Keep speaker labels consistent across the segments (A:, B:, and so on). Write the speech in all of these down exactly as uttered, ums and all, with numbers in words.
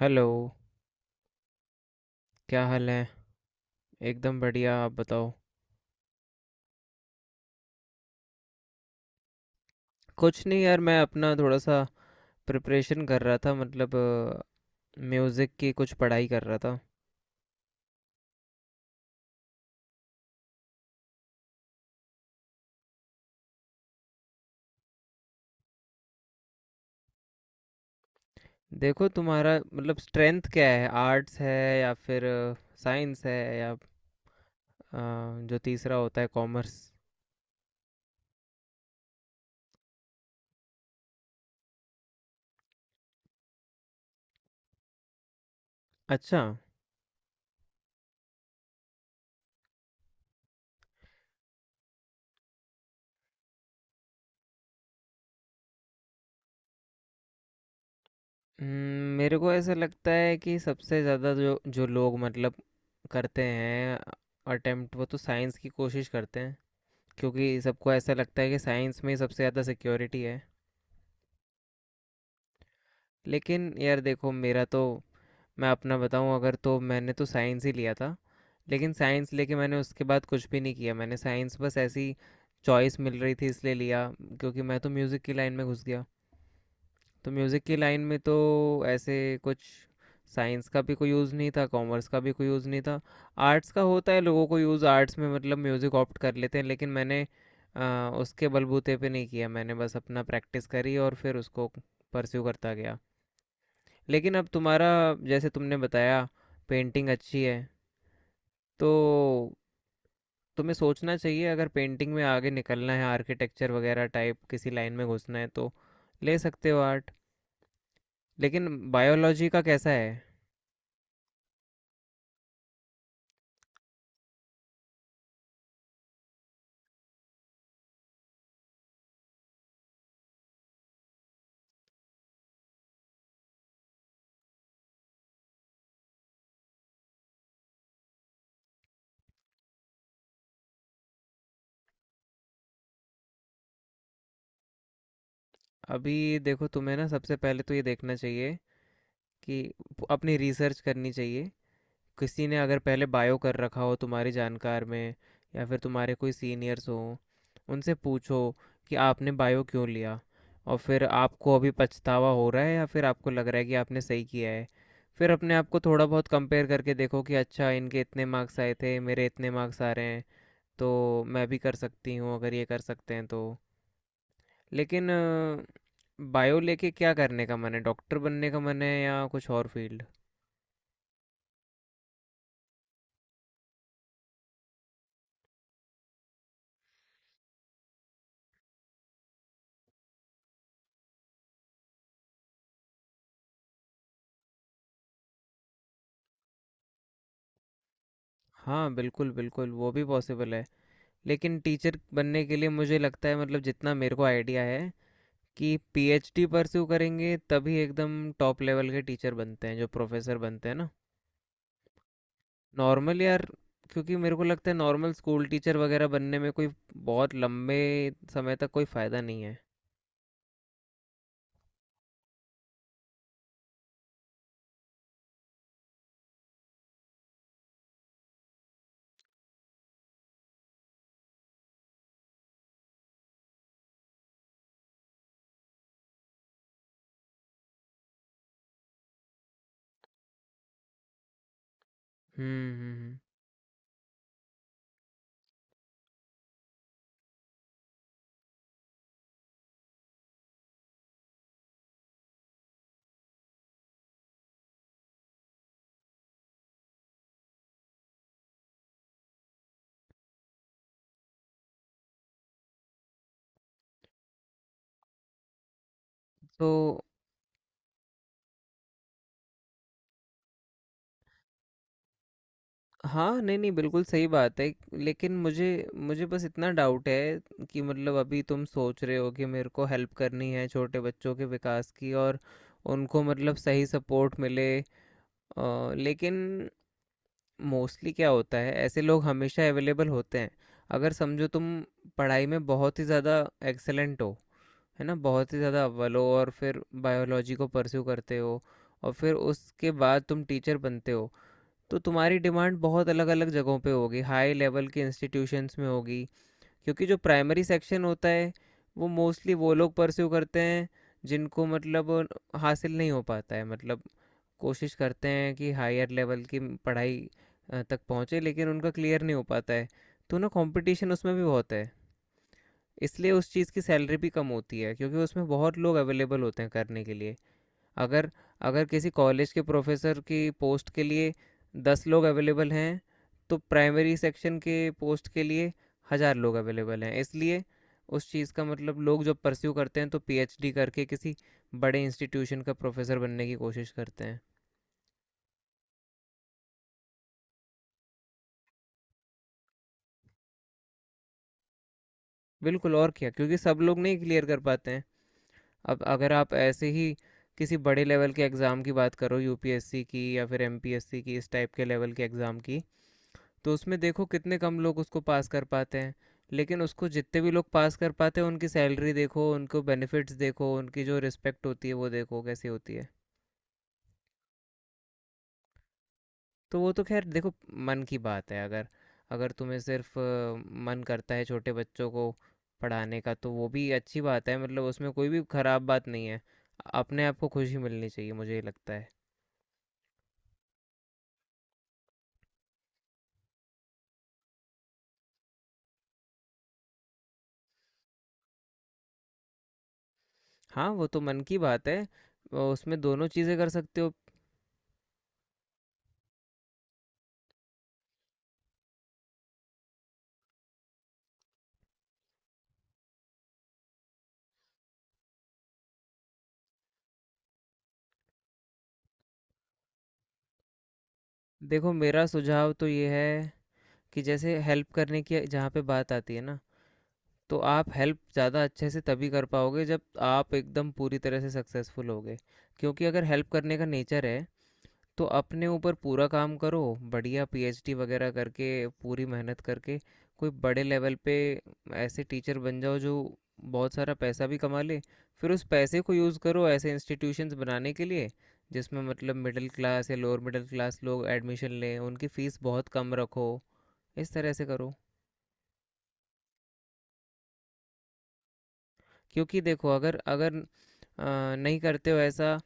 A: Hello, क्या हाल है? एकदम बढ़िया, आप बताओ? कुछ नहीं यार। मैं अपना थोड़ा सा प्रिपरेशन कर रहा था, मतलब म्यूज़िक की कुछ पढ़ाई कर रहा था। देखो, तुम्हारा मतलब स्ट्रेंथ क्या है? आर्ट्स है या फिर साइंस है या अ, जो तीसरा होता है, कॉमर्स? अच्छा। हम्म, मेरे को ऐसा लगता है कि सबसे ज़्यादा जो जो लोग मतलब करते हैं अटेम्प्ट, वो तो साइंस की कोशिश करते हैं, क्योंकि सबको ऐसा लगता है कि साइंस में ही सबसे ज़्यादा सिक्योरिटी है। लेकिन यार देखो, मेरा तो मैं अपना बताऊं अगर, तो मैंने तो साइंस ही लिया था। लेकिन साइंस लेके मैंने उसके बाद कुछ भी नहीं किया। मैंने साइंस बस ऐसी, चॉइस मिल रही थी इसलिए लिया, क्योंकि मैं तो म्यूज़िक की लाइन में घुस गया। तो म्यूज़िक की लाइन में तो ऐसे कुछ साइंस का भी कोई यूज़ नहीं था, कॉमर्स का भी कोई यूज़ नहीं था। आर्ट्स का होता है लोगों को यूज़, आर्ट्स में मतलब म्यूज़िक ऑप्ट कर लेते हैं। लेकिन मैंने आ, उसके बलबूते पे नहीं किया। मैंने बस अपना प्रैक्टिस करी और फिर उसको परस्यू करता गया। लेकिन अब तुम्हारा, जैसे तुमने बताया, पेंटिंग अच्छी है, तो तुम्हें सोचना चाहिए अगर पेंटिंग में आगे निकलना है, आर्किटेक्चर वगैरह टाइप किसी लाइन में घुसना है, तो ले सकते हो आर्ट। लेकिन बायोलॉजी का कैसा है? अभी देखो, तुम्हें ना सबसे पहले तो ये देखना चाहिए कि अपनी रिसर्च करनी चाहिए। किसी ने अगर पहले बायो कर रखा हो तुम्हारी जानकार में, या फिर तुम्हारे कोई सीनियर्स हो, उनसे पूछो कि आपने बायो क्यों लिया, और फिर आपको अभी पछतावा हो रहा है या फिर आपको लग रहा है कि आपने सही किया है। फिर अपने आप को थोड़ा बहुत कंपेयर करके देखो कि अच्छा, इनके इतने मार्क्स आए थे, मेरे इतने मार्क्स आ रहे हैं, तो मैं भी कर सकती हूँ अगर ये कर सकते हैं तो। लेकिन अ, बायो लेके क्या करने का मन है? डॉक्टर बनने का मन है या कुछ और फील्ड? हाँ, बिल्कुल बिल्कुल, वो भी पॉसिबल है। लेकिन टीचर बनने के लिए मुझे लगता है, मतलब जितना मेरे को आइडिया है, कि पी एच डी परस्यू करेंगे तभी एकदम टॉप लेवल के टीचर बनते हैं, जो प्रोफेसर बनते हैं ना। नॉर्मल यार, क्योंकि मेरे को लगता है नॉर्मल स्कूल टीचर वगैरह बनने में कोई बहुत लंबे समय तक कोई फ़ायदा नहीं है। हम्म हम्म, हम्म। तो हाँ, नहीं, नहीं, बिल्कुल सही बात है। लेकिन मुझे मुझे बस इतना डाउट है कि मतलब अभी तुम सोच रहे हो कि मेरे को हेल्प करनी है छोटे बच्चों के विकास की, और उनको मतलब सही सपोर्ट मिले। अ, लेकिन मोस्टली क्या होता है, ऐसे लोग हमेशा अवेलेबल होते हैं। अगर समझो, तुम पढ़ाई में बहुत ही ज़्यादा एक्सीलेंट हो, है ना? बहुत ही ज़्यादा अव्वल हो, और फिर बायोलॉजी को परस्यू करते हो, और फिर उसके बाद तुम टीचर बनते हो। तो तुम्हारी डिमांड बहुत अलग अलग जगहों पे होगी, हाई लेवल के इंस्टीट्यूशंस में होगी, क्योंकि जो प्राइमरी सेक्शन होता है वो मोस्टली वो लोग परस्यू करते हैं जिनको मतलब हासिल नहीं हो पाता है, मतलब कोशिश करते हैं कि हायर लेवल की पढ़ाई अ, तक पहुँचे, लेकिन उनका क्लियर नहीं हो पाता है। तो ना, कंपटीशन उसमें भी बहुत है, इसलिए उस चीज़ की सैलरी भी कम होती है, क्योंकि उसमें बहुत लोग अवेलेबल होते हैं करने के लिए। अगर अगर किसी कॉलेज के प्रोफेसर की पोस्ट के लिए दस लोग अवेलेबल हैं, तो प्राइमरी सेक्शन के पोस्ट के लिए हज़ार लोग अवेलेबल हैं। इसलिए उस चीज़ का मतलब लोग जब परस्यू करते हैं तो पी एच डी करके किसी बड़े इंस्टीट्यूशन का प्रोफेसर बनने की कोशिश करते हैं। बिल्कुल, और क्या, क्योंकि सब लोग नहीं क्लियर कर पाते हैं। अब अगर आप ऐसे ही किसी बड़े लेवल के एग्ज़ाम की बात करो, यू पी एस सी की या फिर एम पी एस सी की, इस टाइप के लेवल के एग्ज़ाम की, तो उसमें देखो कितने कम लोग उसको पास कर पाते हैं। लेकिन उसको जितने भी लोग पास कर पाते हैं, उनकी सैलरी देखो, उनको बेनिफिट्स देखो, उनकी जो रिस्पेक्ट होती है वो देखो कैसी होती है। तो वो तो खैर देखो मन की बात है। अगर अगर तुम्हें सिर्फ अ, मन करता है छोटे बच्चों को पढ़ाने का, तो वो भी अच्छी बात है, मतलब उसमें कोई भी खराब बात नहीं है। अपने आप को खुशी मिलनी चाहिए, मुझे ये लगता है। हाँ, वो तो मन की बात है, अ, उसमें दोनों चीज़ें कर सकते हो। देखो, मेरा सुझाव तो ये है कि जैसे हेल्प करने की जहाँ पे बात आती है ना, तो आप हेल्प ज़्यादा अच्छे से तभी कर पाओगे जब आप एकदम पूरी तरह से सक्सेसफुल होगे, क्योंकि अगर हेल्प करने का नेचर है, तो अपने ऊपर पूरा काम करो, बढ़िया पी एच डी वगैरह करके, पूरी मेहनत करके, कोई बड़े लेवल पे ऐसे टीचर बन जाओ जो बहुत सारा पैसा भी कमा ले, फिर उस पैसे को यूज़ करो ऐसे इंस्टीट्यूशंस बनाने के लिए जिसमें मतलब मिडिल क्लास या लोअर मिडिल क्लास लोग एडमिशन लें, उनकी फ़ीस बहुत कम रखो, इस तरह से करो। क्योंकि देखो, अगर अगर अ, नहीं करते हो ऐसा,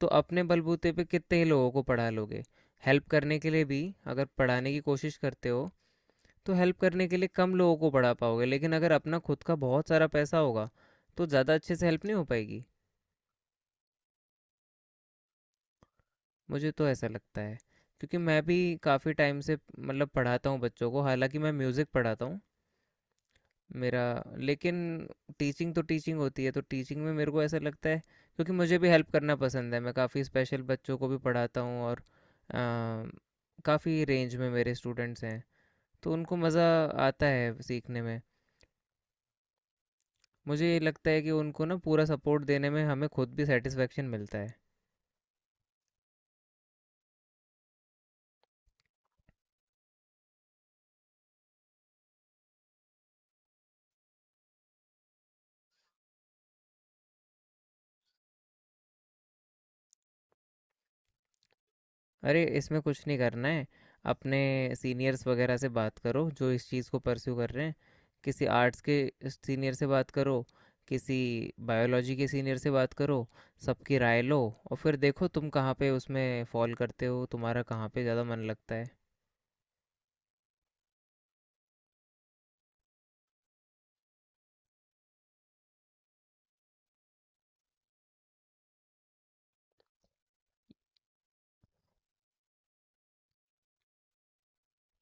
A: तो अपने बलबूते पे कितने ही लोगों को पढ़ा लोगे। हेल्प करने के लिए भी अगर पढ़ाने की कोशिश करते हो, तो हेल्प करने के लिए कम लोगों को पढ़ा पाओगे, लेकिन अगर अपना खुद का बहुत सारा पैसा होगा तो ज़्यादा अच्छे से हेल्प नहीं हो पाएगी। मुझे तो ऐसा लगता है, क्योंकि मैं भी काफ़ी टाइम से मतलब पढ़ाता हूँ बच्चों को, हालांकि मैं म्यूज़िक पढ़ाता हूँ। मेरा लेकिन टीचिंग तो टीचिंग होती है, तो टीचिंग में मेरे को ऐसा लगता है, क्योंकि मुझे भी हेल्प करना पसंद है। मैं काफ़ी स्पेशल बच्चों को भी पढ़ाता हूँ, और काफ़ी रेंज में मेरे स्टूडेंट्स हैं, तो उनको मज़ा आता है सीखने में। मुझे ये लगता है कि उनको ना पूरा सपोर्ट देने में हमें खुद भी सेटिस्फेक्शन मिलता है। अरे, इसमें कुछ नहीं करना है। अपने सीनियर्स वगैरह से बात करो जो इस चीज़ को परस्यू कर रहे हैं, किसी आर्ट्स के सीनियर से बात करो, किसी बायोलॉजी के सीनियर से बात करो, सबकी राय लो, और फिर देखो तुम कहाँ पे उसमें फॉल करते हो, तुम्हारा कहाँ पे ज़्यादा मन लगता है।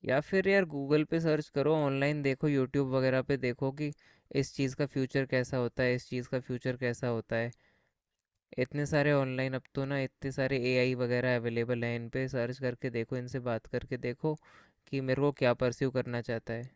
A: या फिर यार गूगल पे सर्च करो, ऑनलाइन देखो, यूट्यूब वगैरह पे देखो कि इस चीज़ का फ्यूचर कैसा होता है, इस चीज़ का फ्यूचर कैसा होता है। इतने सारे ऑनलाइन अब तो ना, इतने सारे ए आई वगैरह अवेलेबल हैं, इन पे सर्च करके देखो, इनसे बात करके देखो कि मेरे को क्या परस्यू करना चाहता है।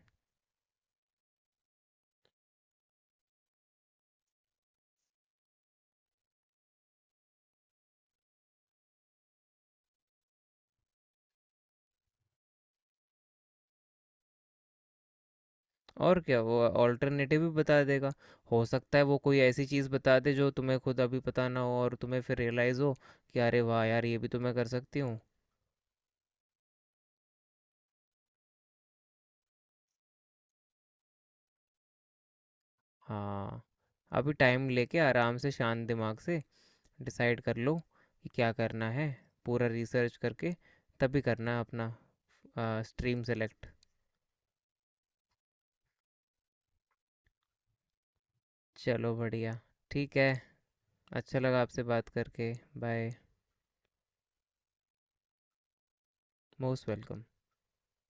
A: और क्या, वो ऑल्टरनेटिव भी बता देगा। हो सकता है वो कोई ऐसी चीज़ बता दे जो तुम्हें खुद अभी पता ना हो, और तुम्हें फिर रियलाइज़ हो कि अरे वाह यार, ये भी तो मैं कर सकती हूँ। हाँ, अभी टाइम लेके आराम से शांत दिमाग से डिसाइड कर लो कि क्या करना है, पूरा रिसर्च करके तभी करना अपना आ, स्ट्रीम सेलेक्ट। चलो बढ़िया, ठीक है। अच्छा लगा आपसे बात करके। बाय। Most welcome.